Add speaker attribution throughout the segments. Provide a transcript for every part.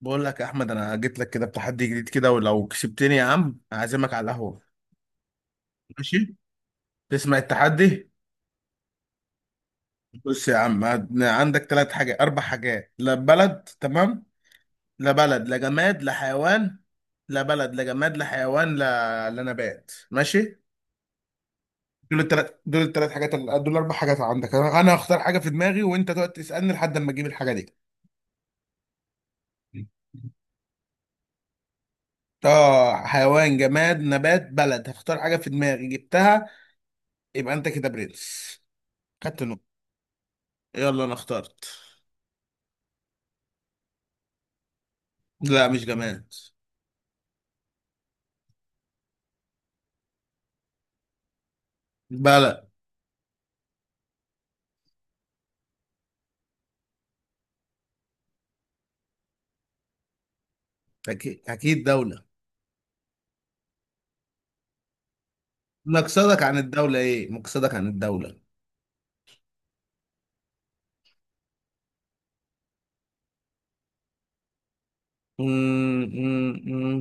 Speaker 1: بقول لك يا احمد، انا جيت لك كده بتحدي جديد كده، ولو كسبتني يا عم اعزمك على القهوه. ماشي. تسمع التحدي؟ بص يا عم، عندك ثلاث حاجات، اربع حاجات، لا بلد، تمام. لا بلد، لا جماد، لا حيوان. لا بلد، لا جماد، لا حيوان، لا نبات، ماشي. دول الثلاث حاجات، دول اربع حاجات عندك. أنا هختار حاجه في دماغي، وانت تقعد تسالني لحد ما اجيب الحاجه دي. اه، حيوان، جماد، نبات، بلد. هختار حاجه في دماغي، جبتها. يبقى انت كده برنس. خدت نقطه. يلا، انا اخترت. لا مش جماد. بلد. اكيد اكيد دولة. مقصدك عن الدولة ايه؟ مقصدك عن الدولة؟ مم، مم، مم.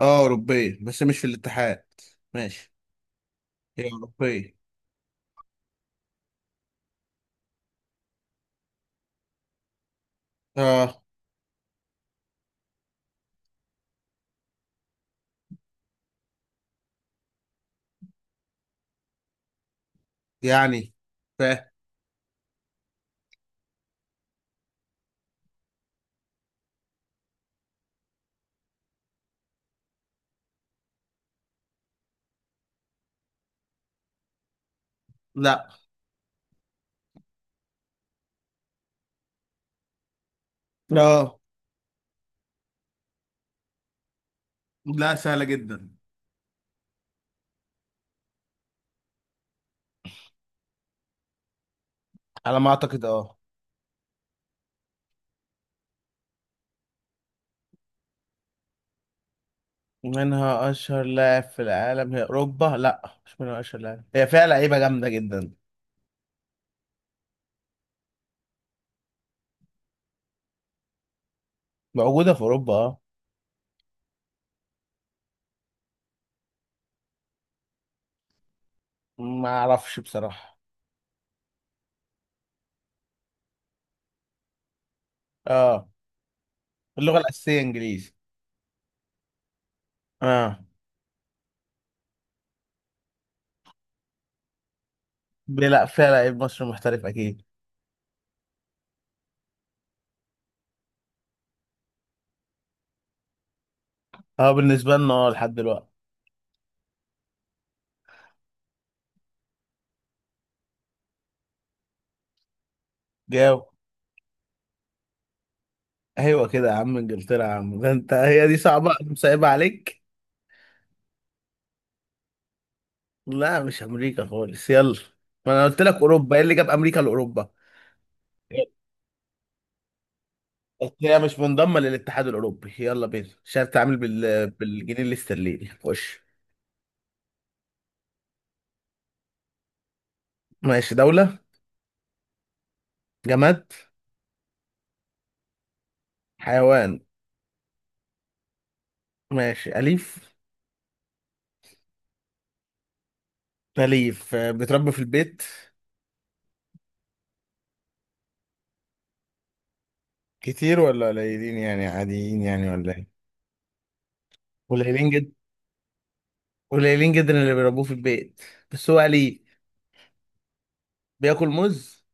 Speaker 1: اه اوروبية، بس مش في الاتحاد. ماشي. هي اوروبية. اه. يعني. فاهم. لا. اه. لا سهلة جدا. على ما اعتقد اه. منها اشهر لاعب في العالم؟ هي اوروبا، لا مش منها اشهر لاعب، هي فيها لعيبة جامدة جدا. موجودة في اوروبا، اه. ما اعرفش بصراحة. اه. اللغة الأساسية إنجليزي. اه. لا، فيها لعيب مصري محترف أكيد. اه، بالنسبة لنا، اه، لحد دلوقتي. جاوب. أيوة كده يا عم، إنجلترا يا عم. ده أنت، هي دي صعبة، أنا مصعبة عليك. لا مش أمريكا خالص، يلا. ما أنا قلت لك أوروبا، إيه اللي جاب أمريكا لأوروبا؟ بس هي مش منضمة للاتحاد الأوروبي، يلا بينا عشان تتعامل بالجنيه الاسترليني، خش. ماشي. دولة. جماد. حيوان. ماشي، أليف. أليف، بتربى في البيت. كتير ولا قليلين؟ يعني عاديين يعني ولا ايه؟ قليلين جدا. قليلين جدا اللي بيربوه في البيت، بس هو قليل. بياكل موز.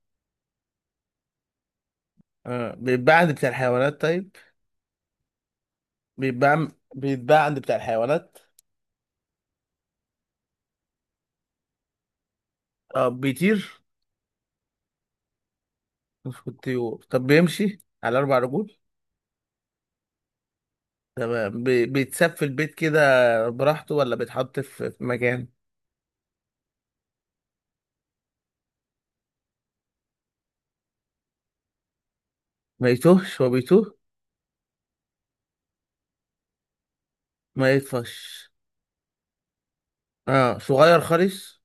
Speaker 1: آه. بيتباع عند بتاع الحيوانات، طيب. بيتباع. بيتباع عند بتاع الحيوانات. آه. بيطير. مش في الطيور؟ طب بيمشي على أربع رجول؟ تمام. بيتساب في البيت كده براحته ولا بيتحط في مكان؟ ما يتوهش؟ هو بيتوه؟ ما يطفش. اه صغير خالص.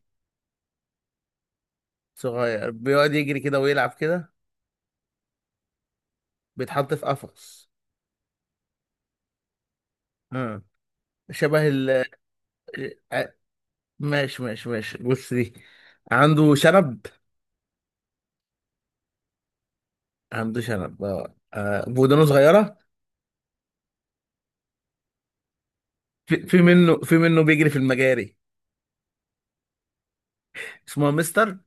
Speaker 1: صغير بيقعد يجري كده ويلعب كده. بيتحط في قفص. آه. شبه ال. ع- ماشي ماشي ماشي، بص دي. عنده شنب. عنده شنب اه. ودانه صغيرة. في منه في منه بيجري في المجاري. اسمه مستر.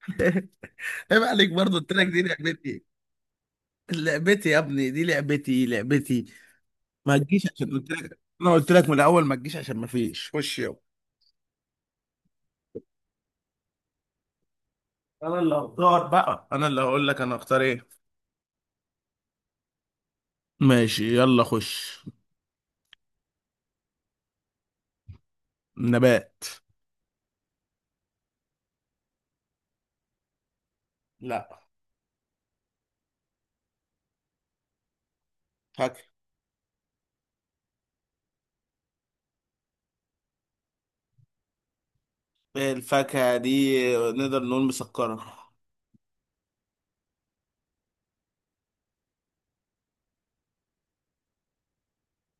Speaker 1: عيب عليك برضه، قلت لك دي لعبتي. لعبتي يا ابني، دي لعبتي لعبتي. ما تجيش، عشان قلت لك، انا قلت لك من الاول ما تجيش عشان ما فيش. خش يلا. انا اللي هختار بقى، انا اللي هقول لك انا هختار ايه. ماشي يلا خش. نبات. لا. فاكهة. الفاكهة دي نقدر نقول مسكرة.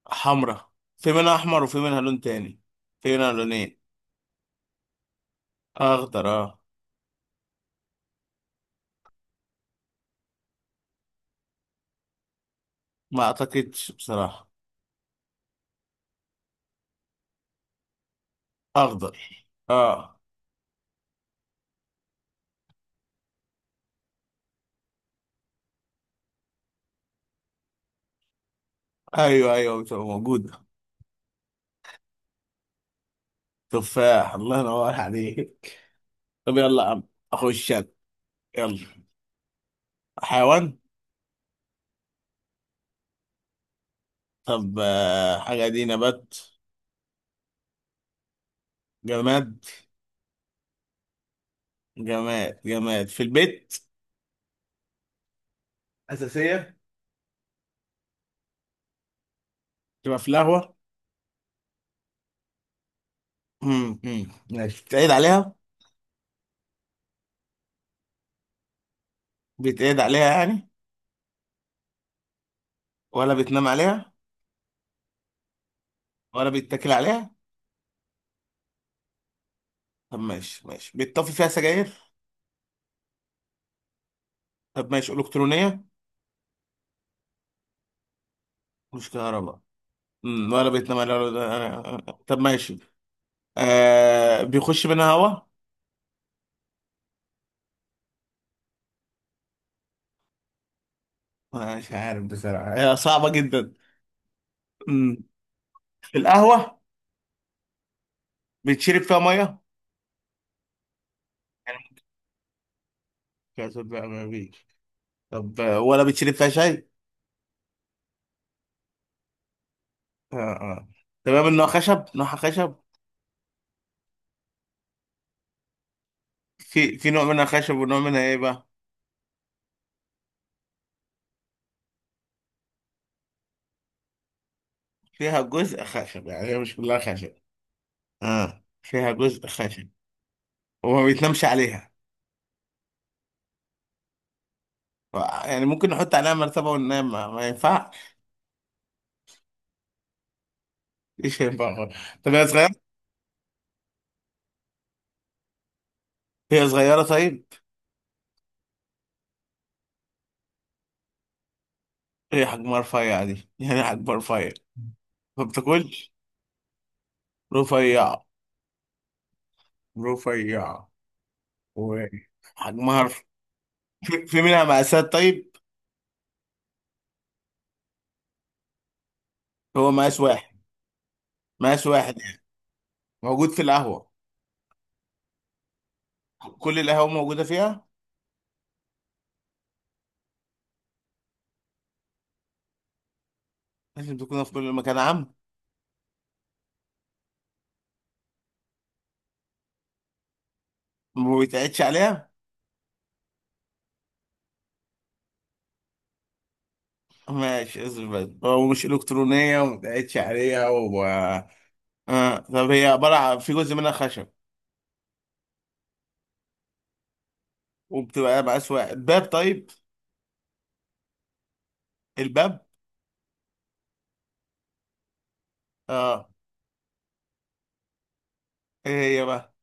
Speaker 1: حمرة. في منها أحمر وفي منها لون تاني. في منها لونين. أخضر، أه. ما أعتقدش بصراحة. أخضر، أه. أيوه أيوه، بتبقى موجودة. تفاح، الله ينور عليك. طب يلا يا عم. أخش أنا. يلا. حيوان. طب، حاجة دي نبات. جماد. جماد جماد في البيت. أساسية. تبقى في القهوة. مم، مم. ماشي، بتعيد عليها. بيتقعد عليها يعني؟ ولا بتنام عليها؟ ولا بيتاكل عليها؟ طب ماشي، ماشي، بيتطفي فيها سجاير؟ طب ماشي، الكترونيه. مش كهرباء. ولا بيتنام عليها ولا. طب ماشي. آه، بيخش منها هوا؟ مش عارف بصراحه، هي صعبه جدا. امم. القهوه. بتشرب فيها ميه؟ يعني. كاسات بقى ما فيش. طب، ولا بتشرب فيها شاي؟ آه آه. تمام، انه خشب، نوعها خشب. في نوع منها خشب ونوع منها ايه بقى؟ فيها جزء خشب، يعني هي مش كلها خشب. اه فيها جزء خشب. وما بيتنامش عليها. يعني ممكن نحط عليها مرتبة وننام، ما ينفعش؟ مش هينفع خالص. طب هي صغيرة؟ هي صغيرة، طيب. هي حجمها رفيع. دي يعني حجمها رفيع. ما بتاكلش. رفيع. رفيع. وحجمها رفيع. في منها مقاسات طيب؟ هو مقاس واحد؟ مقاس واحد يعني. موجود في القهوة. كل القهوة موجودة فيها. لازم تكون في كل مكان عام. ما بيتقعدش عليها. ماشي، اصبر بس. هو مش إلكترونية وما بيتقعدش عليها و... آه. طب هي عبارة في جزء منها خشب. وبتبقى مقاس واحد. باب، طيب. الباب. اه. ايه. هي بقى.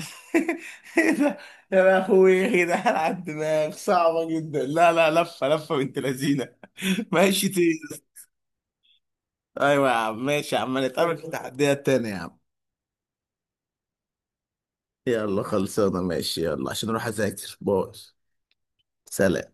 Speaker 1: ايه ده. يا اخوي ايه ده، على الدماغ صعبة جدا. لا لا، لفة لفة بنت لذينة. ماشي، تيز. ايوه يا عم، ماشي يا عم، نتقابل في التحديات تاني يا عم. يلا خلصانة، ماشي يلا، عشان اروح اذاكر. باي. سلام.